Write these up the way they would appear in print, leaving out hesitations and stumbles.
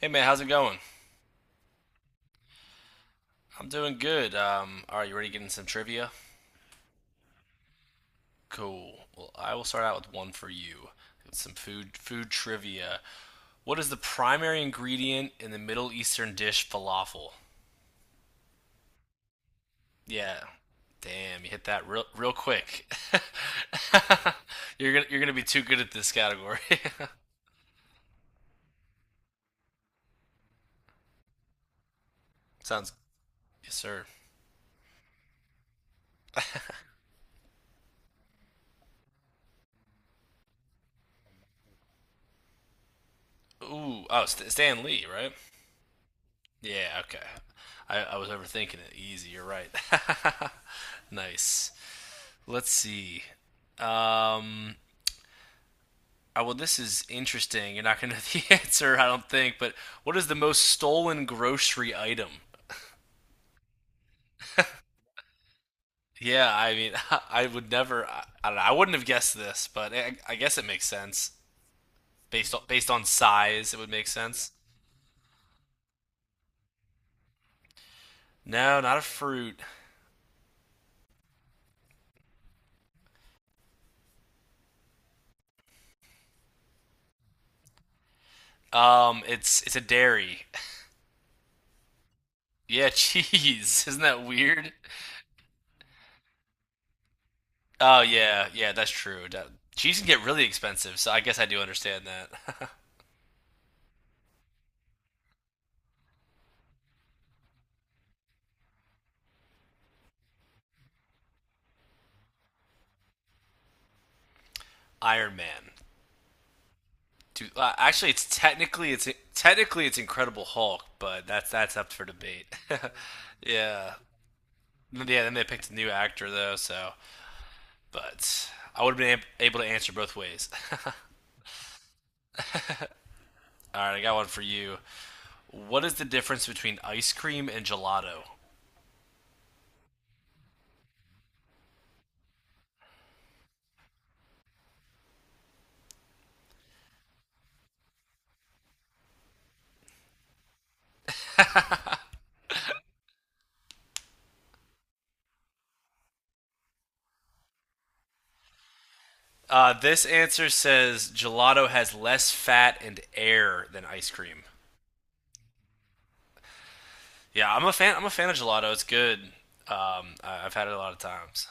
Hey man, how's it going? I'm doing good. You ready to get in some trivia? Cool. Well, I will start out with one for you. It's some food trivia. What is the primary ingredient in the Middle Eastern dish falafel? Yeah. Damn, you hit that real quick. You're gonna be too good at this category. Sounds yes, sir. Ooh, oh, Stan Lee, right? Yeah, okay. I was overthinking it. Easy, you're right. nice. Let's see. Um, oh, well, this is interesting. You're not going to know the answer, I don't think. But what is the most stolen grocery item? Yeah, I mean, I would never. I don't know, I wouldn't have guessed this, but I guess it makes sense based on size. It would make sense. No, not a fruit. It's a dairy. Yeah, cheese. Isn't that weird? Oh yeah, yeah, that's true. Cheese can get really expensive, so I guess I do understand that. Iron Man. Actually, it's technically it's technically it's Incredible Hulk, but that's up for debate. yeah, yeah. Then they picked a new actor though, so but I would have been able to answer both ways. All right, I got one for you. What is the difference between ice cream and gelato? This answer says gelato has less fat and air than ice cream. Yeah, I'm a fan. I'm a fan of gelato. It's good. Um, I've had it a lot of times.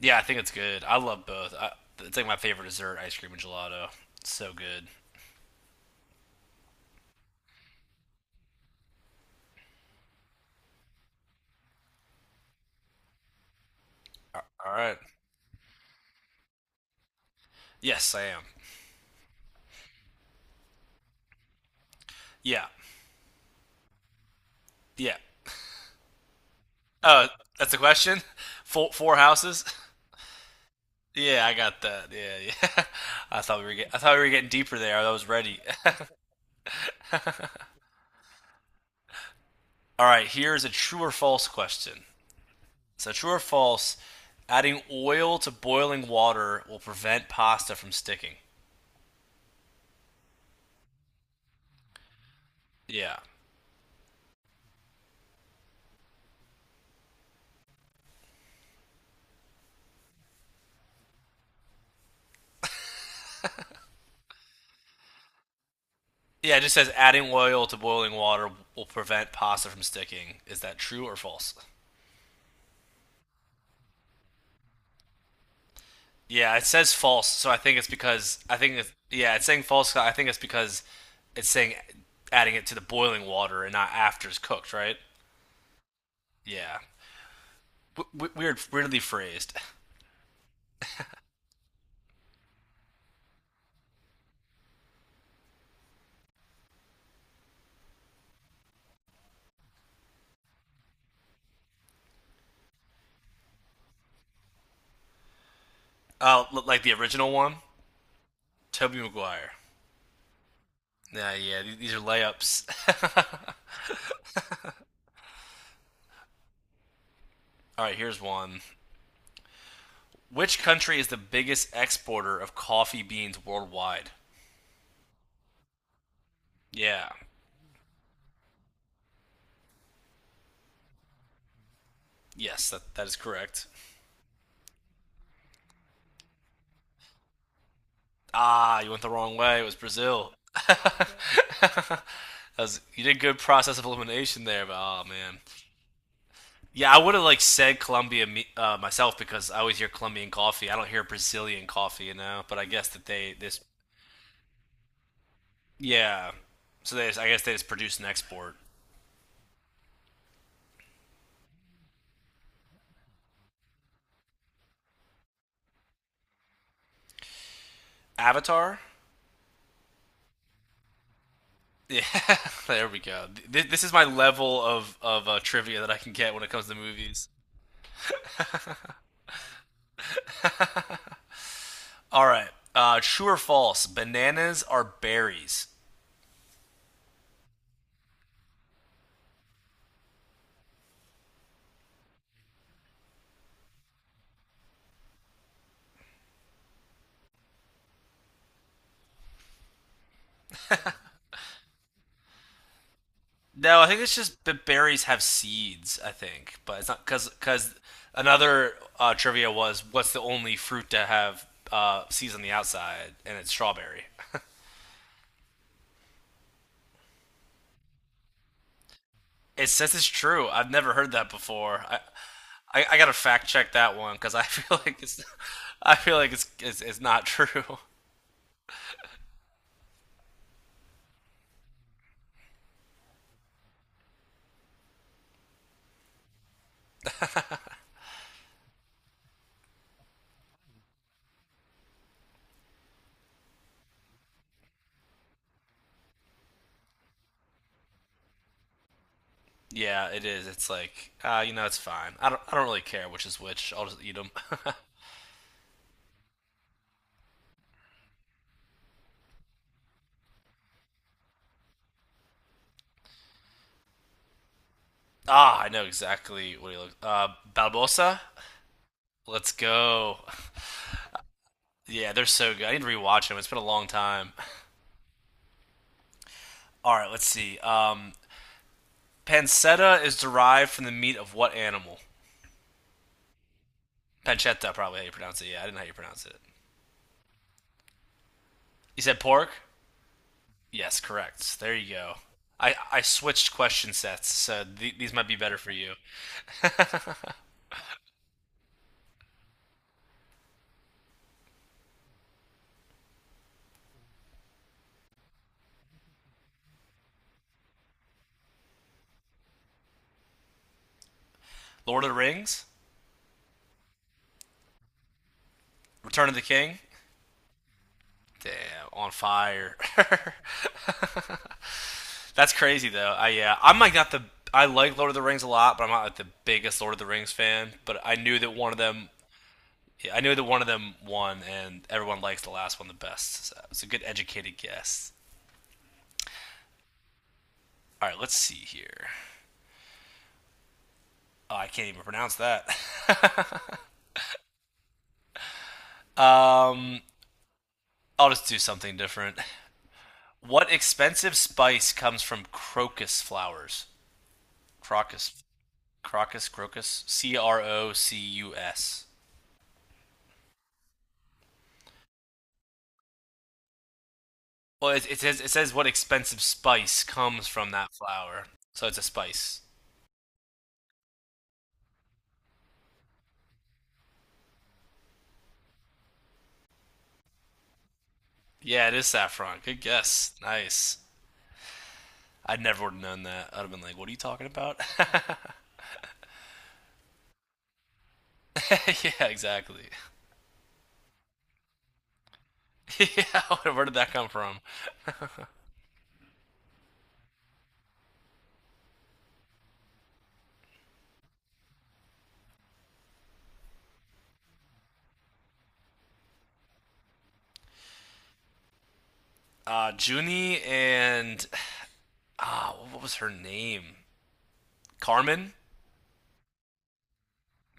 Yeah, I think it's good. I love both. It's like my favorite dessert, ice cream and gelato. It's so good. All right. Yes, I am. Yeah. Yeah. Uh, that's the question. Four houses. Yeah, I got that. Yeah, yeah. I thought we were getting deeper there. I was ready. All right, here's a true or false question. So true or false, adding oil to boiling water will prevent pasta from sticking. Yeah. Yeah, it just says adding oil to boiling water will prevent pasta from sticking. Is that true or false? Yeah, it says false, I think it's, yeah, it's saying false. So I think it's because it's saying adding it to the boiling water and not after it's cooked, right? Yeah, weirdly phrased. Like the original one, Toby Maguire. Yeah, yeah, these are layups. All right, here's one. Which country is the biggest exporter of coffee beans worldwide? Yeah, yes, that is correct. Ah, you went the wrong way. It was Brazil. That was, you did good process of elimination there, but oh man. Yeah, I would have like said Colombia myself because I always hear Colombian coffee. I don't hear Brazilian coffee, you know. But I guess that they this yeah. So they just, I guess they just produce and export. Avatar. Yeah, there we go. This is my level of trivia that I can get when it comes to movies. All right. True or false? Bananas are berries. No, I think it's just the berries have seeds. I think, but it's not because another trivia was what's the only fruit to have seeds on the outside, and it's strawberry. It says it's true. I've never heard that before. I gotta fact check that one because I feel like it's I feel like it's not true. Yeah, it is. It's like you know, it's fine. I don't really care which is which. I'll just eat them. ah, I know exactly what he looks. Balbosa. Let's go. Yeah, they're so good. I need to rewatch them. It's been a long time. All right, let's see. Pancetta is derived from the meat of what animal? Pancetta, probably how you pronounce it. Yeah, I didn't know how you pronounce it. You said pork? Yes, correct. There you go. I switched question sets, so these might be better for you. Lord of the Rings? Return of the King? Damn, on fire. That's crazy though. I yeah, I'm like not the I like Lord of the Rings a lot, but I'm not like the biggest Lord of the Rings fan. But I knew that one of them won, and everyone likes the last one the best. So it's a good educated guess. All right, let's see here. Oh, I can't even pronounce that. um, I'll just do something different. What expensive spice comes from crocus flowers? Crocus, Crocus. C R O C U S. Well, it says what expensive spice comes from that flower, so it's a spice. Yeah, it is saffron. Good guess. Nice. I never would have known that. I'd have been like, "What are you talking about?" yeah, exactly. yeah, where did that come from? Junie and ah, what was her name? Carmen.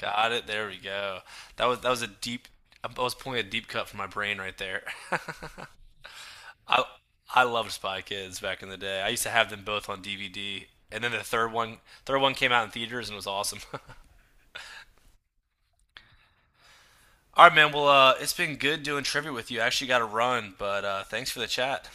Got it. There we go. That was a deep. I was pulling a deep cut from my brain right there. I I loved Spy Kids back in the day. I used to have them both on DVD. And then third one came out in theaters and was awesome. All right, man. Well, it's been good doing trivia with you. I actually got to run, but thanks for the chat.